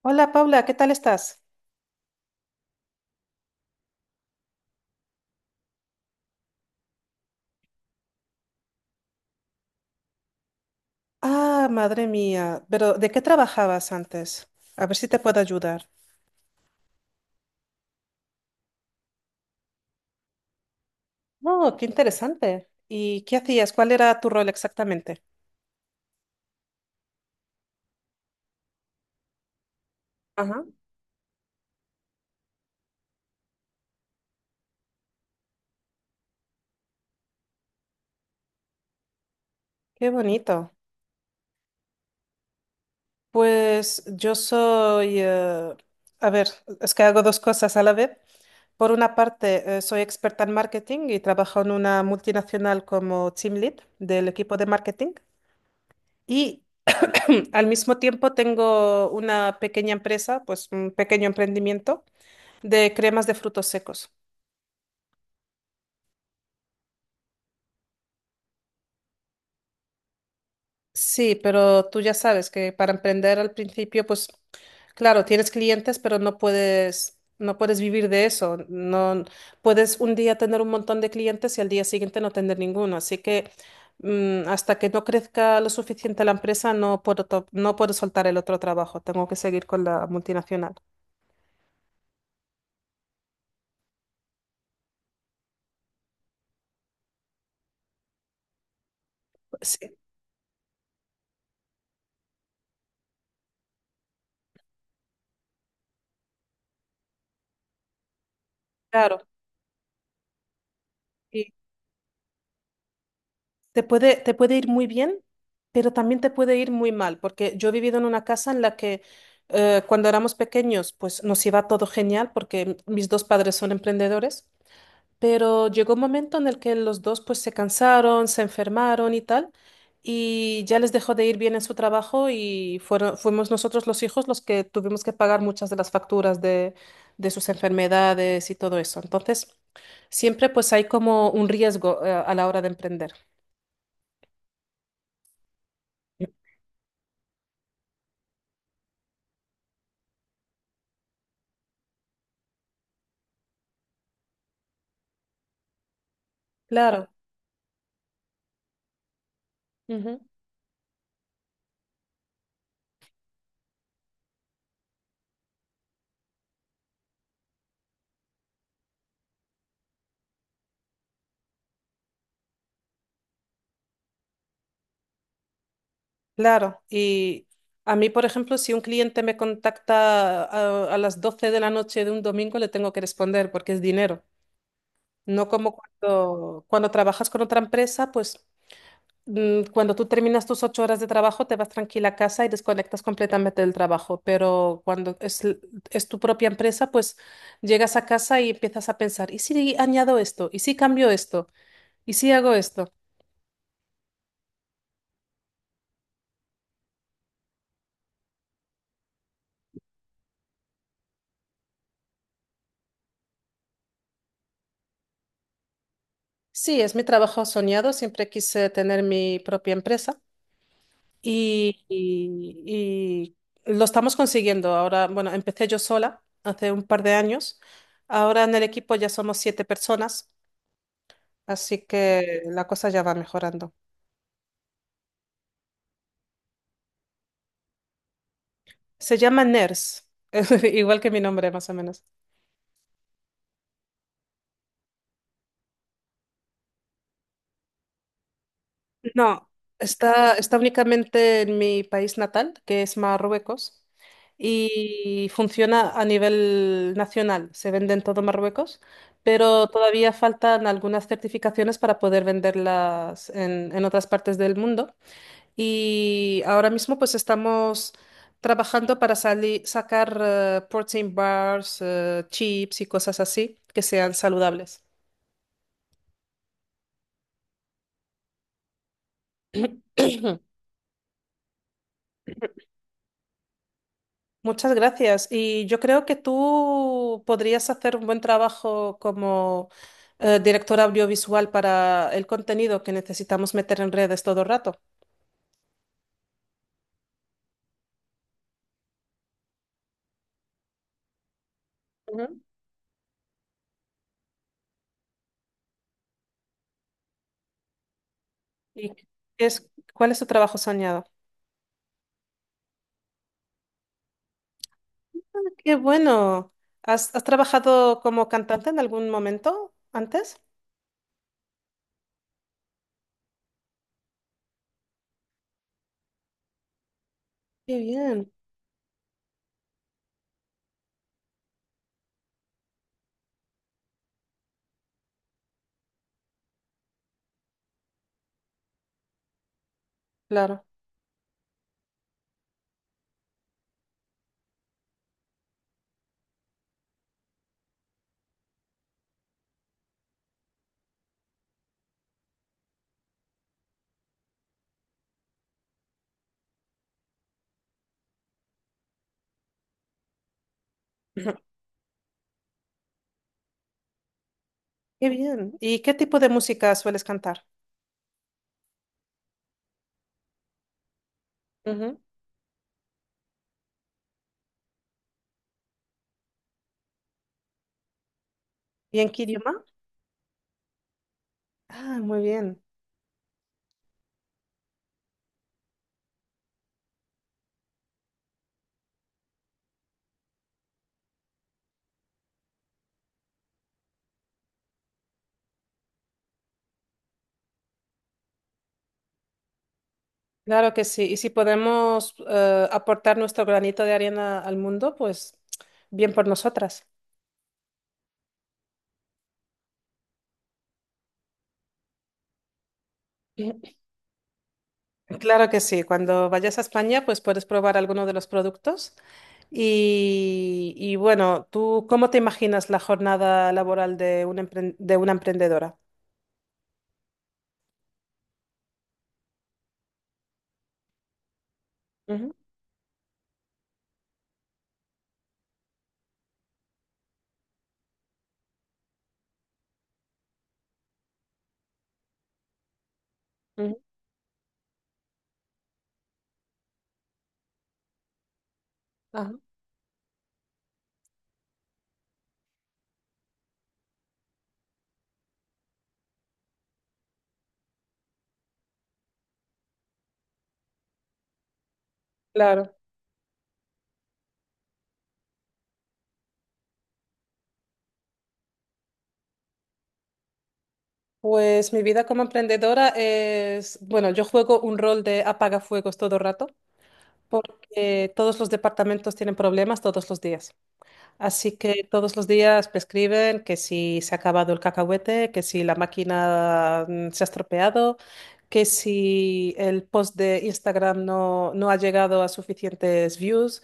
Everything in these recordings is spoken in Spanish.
Hola Paula, ¿qué tal estás? Ah, madre mía, pero ¿de qué trabajabas antes? A ver si te puedo ayudar. Oh, qué interesante. ¿Y qué hacías? ¿Cuál era tu rol exactamente? Ajá. Qué bonito. Pues yo soy, a ver, es que hago dos cosas a la vez. Por una parte, soy experta en marketing y trabajo en una multinacional como team lead del equipo de marketing. Y al mismo tiempo tengo una pequeña empresa, pues un pequeño emprendimiento de cremas de frutos secos. Sí, pero tú ya sabes que para emprender al principio, pues claro, tienes clientes, pero no puedes vivir de eso. No puedes un día tener un montón de clientes y al día siguiente no tener ninguno. Así que hasta que no crezca lo suficiente la empresa, no puedo, no puedo soltar el otro trabajo. Tengo que seguir con la multinacional. Sí, claro. Te puede ir muy bien, pero también te puede ir muy mal, porque yo he vivido en una casa en la que cuando éramos pequeños, pues nos iba todo genial, porque mis dos padres son emprendedores, pero llegó un momento en el que los dos pues se cansaron, se enfermaron y tal, y ya les dejó de ir bien en su trabajo y fuimos nosotros los hijos los que tuvimos que pagar muchas de las facturas de sus enfermedades y todo eso. Entonces, siempre pues hay como un riesgo a la hora de emprender. Claro. Ujú. Claro, y a mí, por ejemplo, si un cliente me contacta a las 12 de la noche de un domingo, le tengo que responder porque es dinero. No como cuando trabajas con otra empresa, pues cuando tú terminas tus 8 horas de trabajo, te vas tranquila a casa y desconectas completamente del trabajo. Pero cuando es, es tu propia empresa, pues llegas a casa y empiezas a pensar, ¿y si añado esto? ¿Y si cambio esto? ¿Y si hago esto? Sí, es mi trabajo soñado. Siempre quise tener mi propia empresa y, y- y lo estamos consiguiendo. Ahora, bueno, empecé yo sola hace un par de años. Ahora en el equipo ya somos 7 personas, así que la cosa ya va mejorando. Se llama NERS, igual que mi nombre más o menos. No, está únicamente en mi país natal, que es Marruecos, y funciona a nivel nacional. Se vende en todo Marruecos, pero todavía faltan algunas certificaciones para poder venderlas en otras partes del mundo. Y ahora mismo pues estamos trabajando para sacar protein bars, chips y cosas así que sean saludables. Muchas gracias. Y yo creo que tú podrías hacer un buen trabajo como directora audiovisual para el contenido que necesitamos meter en redes todo el rato. Ujú. ¿Y qué es, cuál es tu trabajo soñado? Ah, qué bueno. ¿Has, has trabajado como cantante en algún momento antes? Qué bien, claro. Ujú. Qué bien. ¿Y qué tipo de música sueles cantar? Ujú. ¿Y en qué idioma? Ah, muy bien. Claro que sí, y si podemos aportar nuestro granito de arena al mundo, pues bien por nosotras. Claro que sí, cuando vayas a España, pues puedes probar alguno de los productos. Y bueno, ¿tú cómo te imaginas la jornada laboral de una, de una emprendedora? Ujú, ujú, ajá, claro. Pues mi vida como emprendedora es, bueno, yo juego un rol de apagafuegos todo el rato, porque todos los departamentos tienen problemas todos los días. Así que todos los días me escriben que si se ha acabado el cacahuete, que si la máquina se ha estropeado, que si el post de Instagram no ha llegado a suficientes views,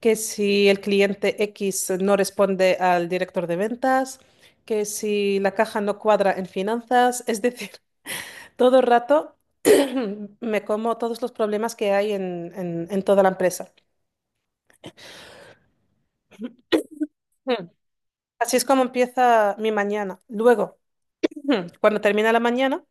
que si el cliente X no responde al director de ventas, que si la caja no cuadra en finanzas. Es decir, todo el rato me como todos los problemas que hay en, en toda la empresa. Mm. Así es como empieza mi mañana. Luego. Ujú. Cuando termina la mañana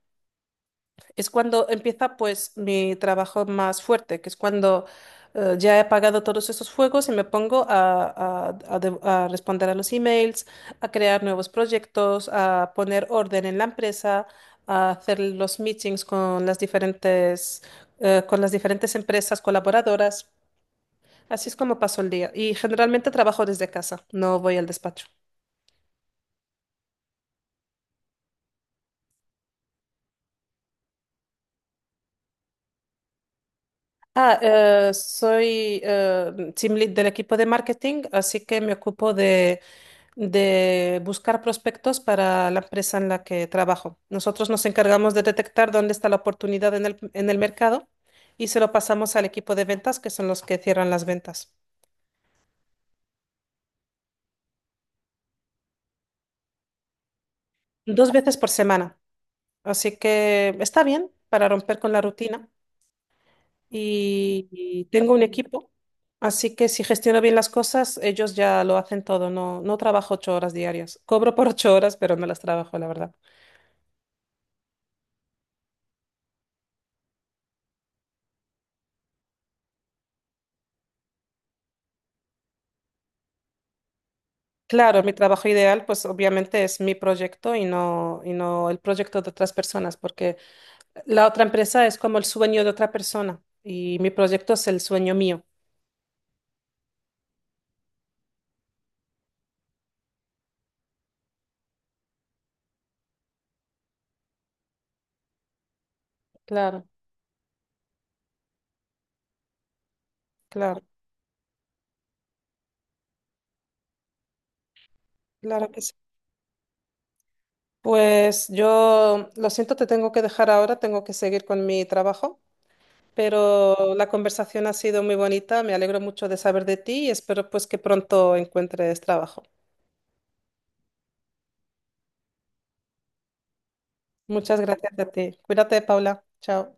es cuando empieza pues mi trabajo más fuerte, que es cuando ya he apagado todos esos fuegos y me pongo a responder a los emails, a crear nuevos proyectos, a poner orden en la empresa, a hacer los meetings con las diferentes empresas colaboradoras. Así es como paso el día y generalmente trabajo desde casa, no voy al despacho. Ah, soy team lead del equipo de marketing, así que me ocupo de buscar prospectos para la empresa en la que trabajo. Nosotros nos encargamos de detectar dónde está la oportunidad en el mercado y se lo pasamos al equipo de ventas, que son los que cierran las ventas, dos veces por semana. Así que está bien para romper con la rutina. Y, y tengo un equipo, así que si gestiono bien las cosas, ellos ya lo hacen todo, no trabajo 8 horas diarias. Cobro por 8 horas, pero no las trabajo, la verdad. Claro, mi trabajo ideal, pues obviamente es mi proyecto y no el proyecto de otras personas, porque la otra empresa es como el sueño de otra persona y mi proyecto es el sueño mío. Claro, claro, claro que sí. Pues yo lo siento, te tengo que dejar ahora, tengo que seguir con mi trabajo. Pero la conversación ha sido muy bonita, me alegro mucho de saber de ti y espero pues que pronto encuentres trabajo. Muchas gracias a ti. Cuídate, Paula. Chao.